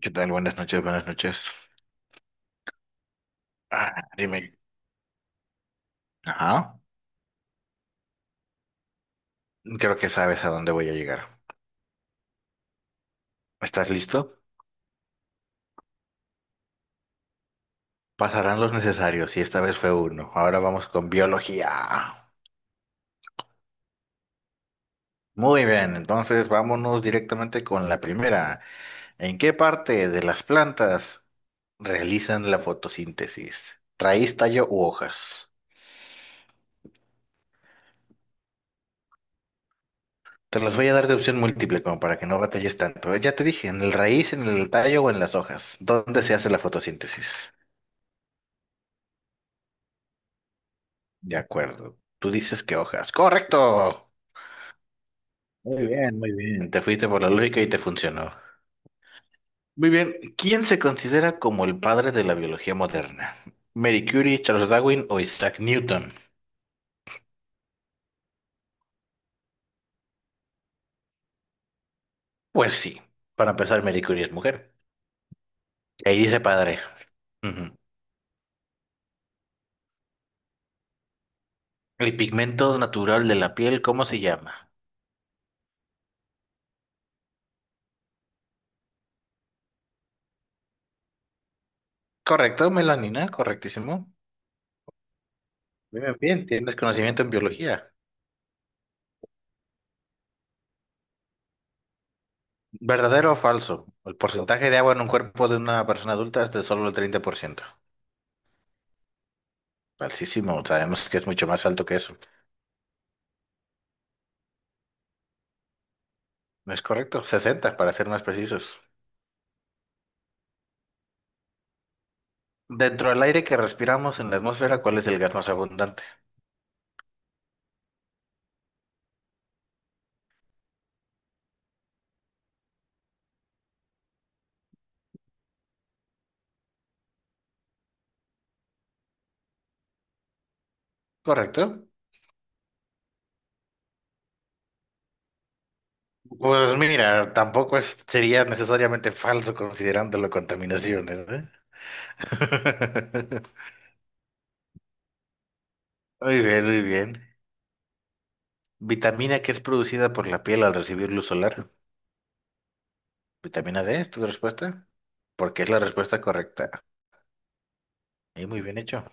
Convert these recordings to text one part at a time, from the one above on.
¿Qué tal? Buenas noches, buenas noches. Ah, dime. Ajá. Creo que sabes a dónde voy a llegar. ¿Estás listo? Pasarán los necesarios y esta vez fue uno. Ahora vamos con biología. Muy bien, entonces vámonos directamente con la primera. ¿En qué parte de las plantas realizan la fotosíntesis? ¿Raíz, tallo u hojas? Te las voy a dar de opción múltiple como para que no batalles tanto. Ya te dije, en el raíz, en el tallo o en las hojas. ¿Dónde se hace la fotosíntesis? De acuerdo. Tú dices que hojas. ¡Correcto! Muy bien, muy bien. Te fuiste por la lógica y te funcionó. Muy bien. ¿Quién se considera como el padre de la biología moderna? ¿Marie Curie, Charles Darwin o Isaac Newton? Pues sí. Para empezar, Marie Curie es mujer. Y ahí dice padre. Ujú. El pigmento natural de la piel, ¿cómo se llama? Correcto, melanina, correctísimo. Muy bien, bien, tienes conocimiento en biología. ¿Verdadero o falso? El porcentaje de agua en un cuerpo de una persona adulta es de solo el 30%. Altísimo, sabemos que es mucho más alto que eso. No es correcto, 60 para ser más precisos. Dentro del aire que respiramos en la atmósfera, ¿cuál es el gas más abundante? Correcto. Pues mira, tampoco sería necesariamente falso considerando la contaminación, ¿eh? Muy bien, muy bien. Vitamina que es producida por la piel al recibir luz solar. ¿Vitamina D es tu respuesta? Porque es la respuesta correcta. Y muy bien hecho.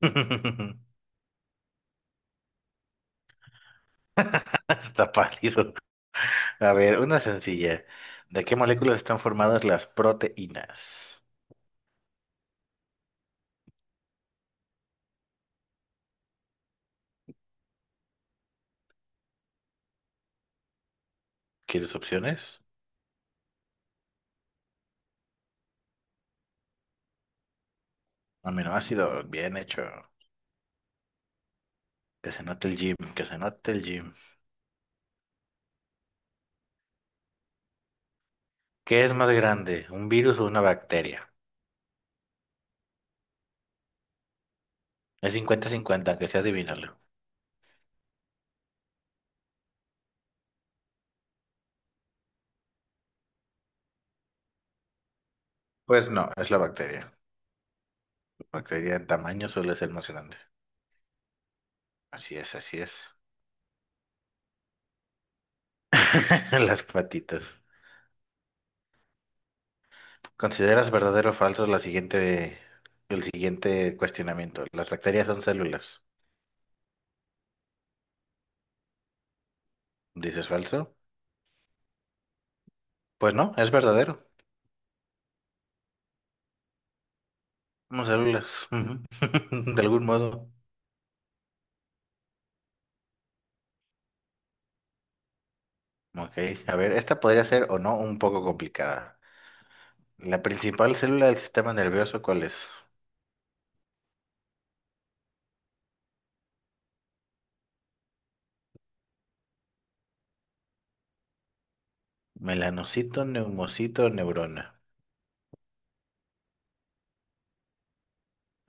Está pálido. A ver, una sencilla. ¿De qué moléculas están formadas las proteínas? ¿Quieres opciones? Aminoácido, bien hecho. Que se note el gym, que se note el gym. ¿Qué es más grande, un virus o una bacteria? Es cincuenta-cincuenta, que sea adivinarlo. Pues no, es la bacteria. La bacteria en tamaño suele ser más grande. Así es, así es. Las patitas. ¿Consideras verdadero o falso la siguiente, el siguiente cuestionamiento? ¿Las bacterias son células? ¿Dices falso? Pues no, es verdadero. Unos células, ujú. De algún modo. Ok, a ver, esta podría ser o no un poco complicada. La principal célula del sistema nervioso, ¿cuál es? Melanocito, neumocito, neurona.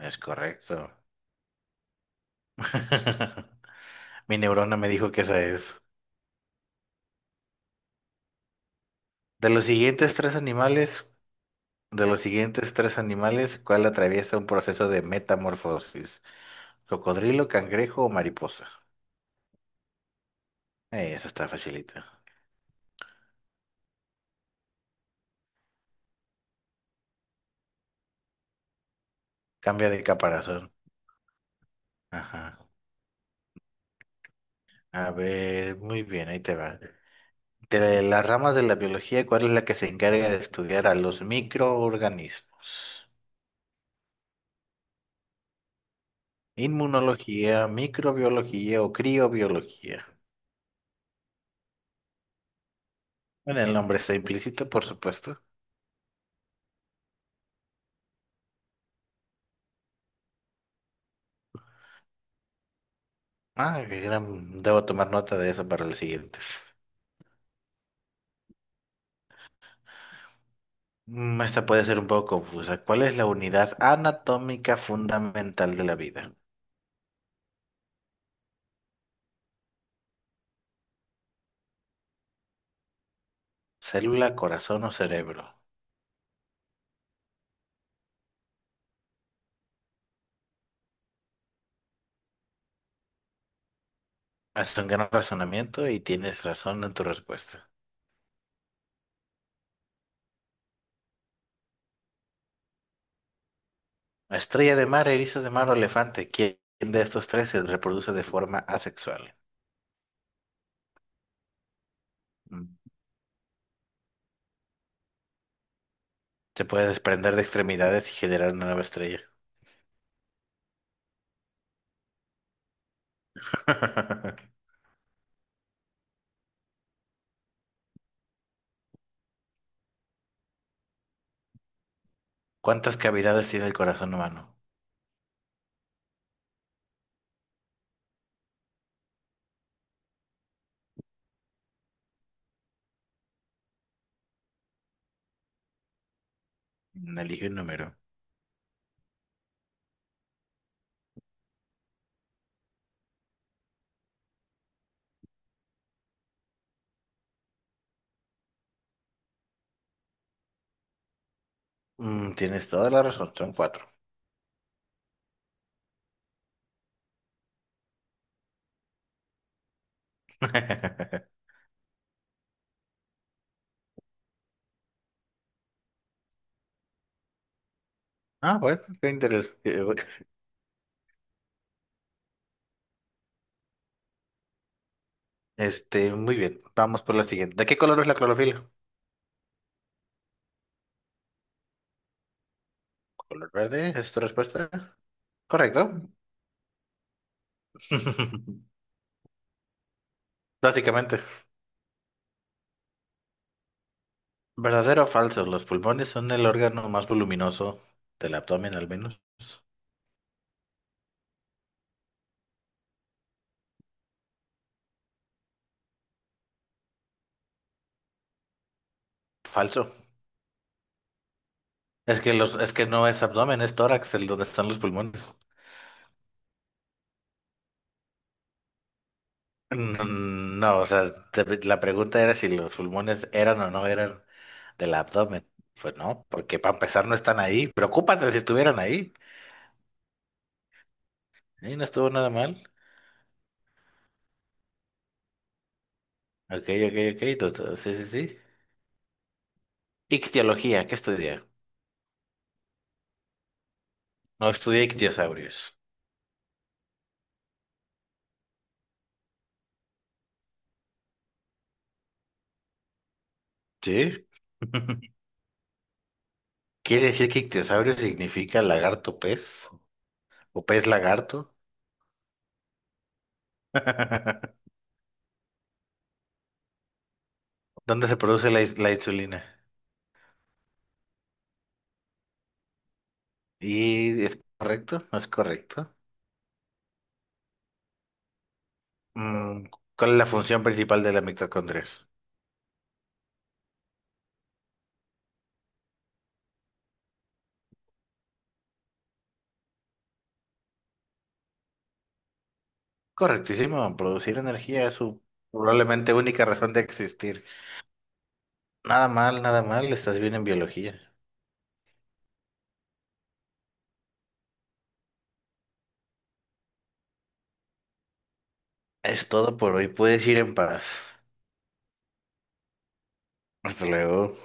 Es correcto. Mi neurona me dijo que esa es. De los siguientes tres animales, de los siguientes tres animales, ¿cuál atraviesa un proceso de metamorfosis? ¿Cocodrilo, cangrejo o mariposa? Esa está facilita. Cambia de caparazón. Ajá. A ver, muy bien, ahí te va. De las ramas de la biología, ¿cuál es la que se encarga de estudiar a los microorganismos? Inmunología, microbiología o criobiología. Bueno, el nombre está implícito, por supuesto. Ah, debo tomar nota de eso para los siguientes. Mm, esta puede ser un poco confusa. ¿Cuál es la unidad anatómica fundamental de la vida? ¿Célula, corazón o cerebro? Haz un gran razonamiento y tienes razón en tu respuesta. A Estrella de mar, erizo de mar o elefante, ¿quién de estos tres se reproduce de forma asexual? Mm. Se puede desprender de extremidades y generar una nueva estrella. ¿Cuántas cavidades tiene el corazón humano? Mm, elige un número. Mm, tienes toda la razón, son cuatro. Ah, bueno, qué interesante. Este, muy bien, vamos por la siguiente. ¿De qué color es la clorofila? ¿Color verde? ¿Es tu respuesta? Correcto. Básicamente. ¿Verdadero o falso? Los pulmones son el órgano más voluminoso del abdomen, al menos. Falso. Es que es que no es abdomen, es tórax el donde están los pulmones. No, no, o sea, la pregunta era si los pulmones eran o no eran del abdomen. Pues no, porque para empezar no están ahí. Preocúpate si estuvieran ahí. Sí, no estuvo nada mal. Ok, ok, ok. Sí, sí, sí. Ictiología, ¿qué estudié? No estudié ictiosaurios. ¿Sí? ¿Quiere decir que ictiosaurio significa lagarto pez o pez lagarto? ¿Dónde se produce la insulina? ¿Y es correcto? ¿No es correcto? Mm, ¿cuál es la función principal de la mitocondria? Correctísimo, producir energía es su probablemente única razón de existir. Nada mal, nada mal, estás bien en biología. Es todo por hoy, puedes ir en paz. Hasta luego.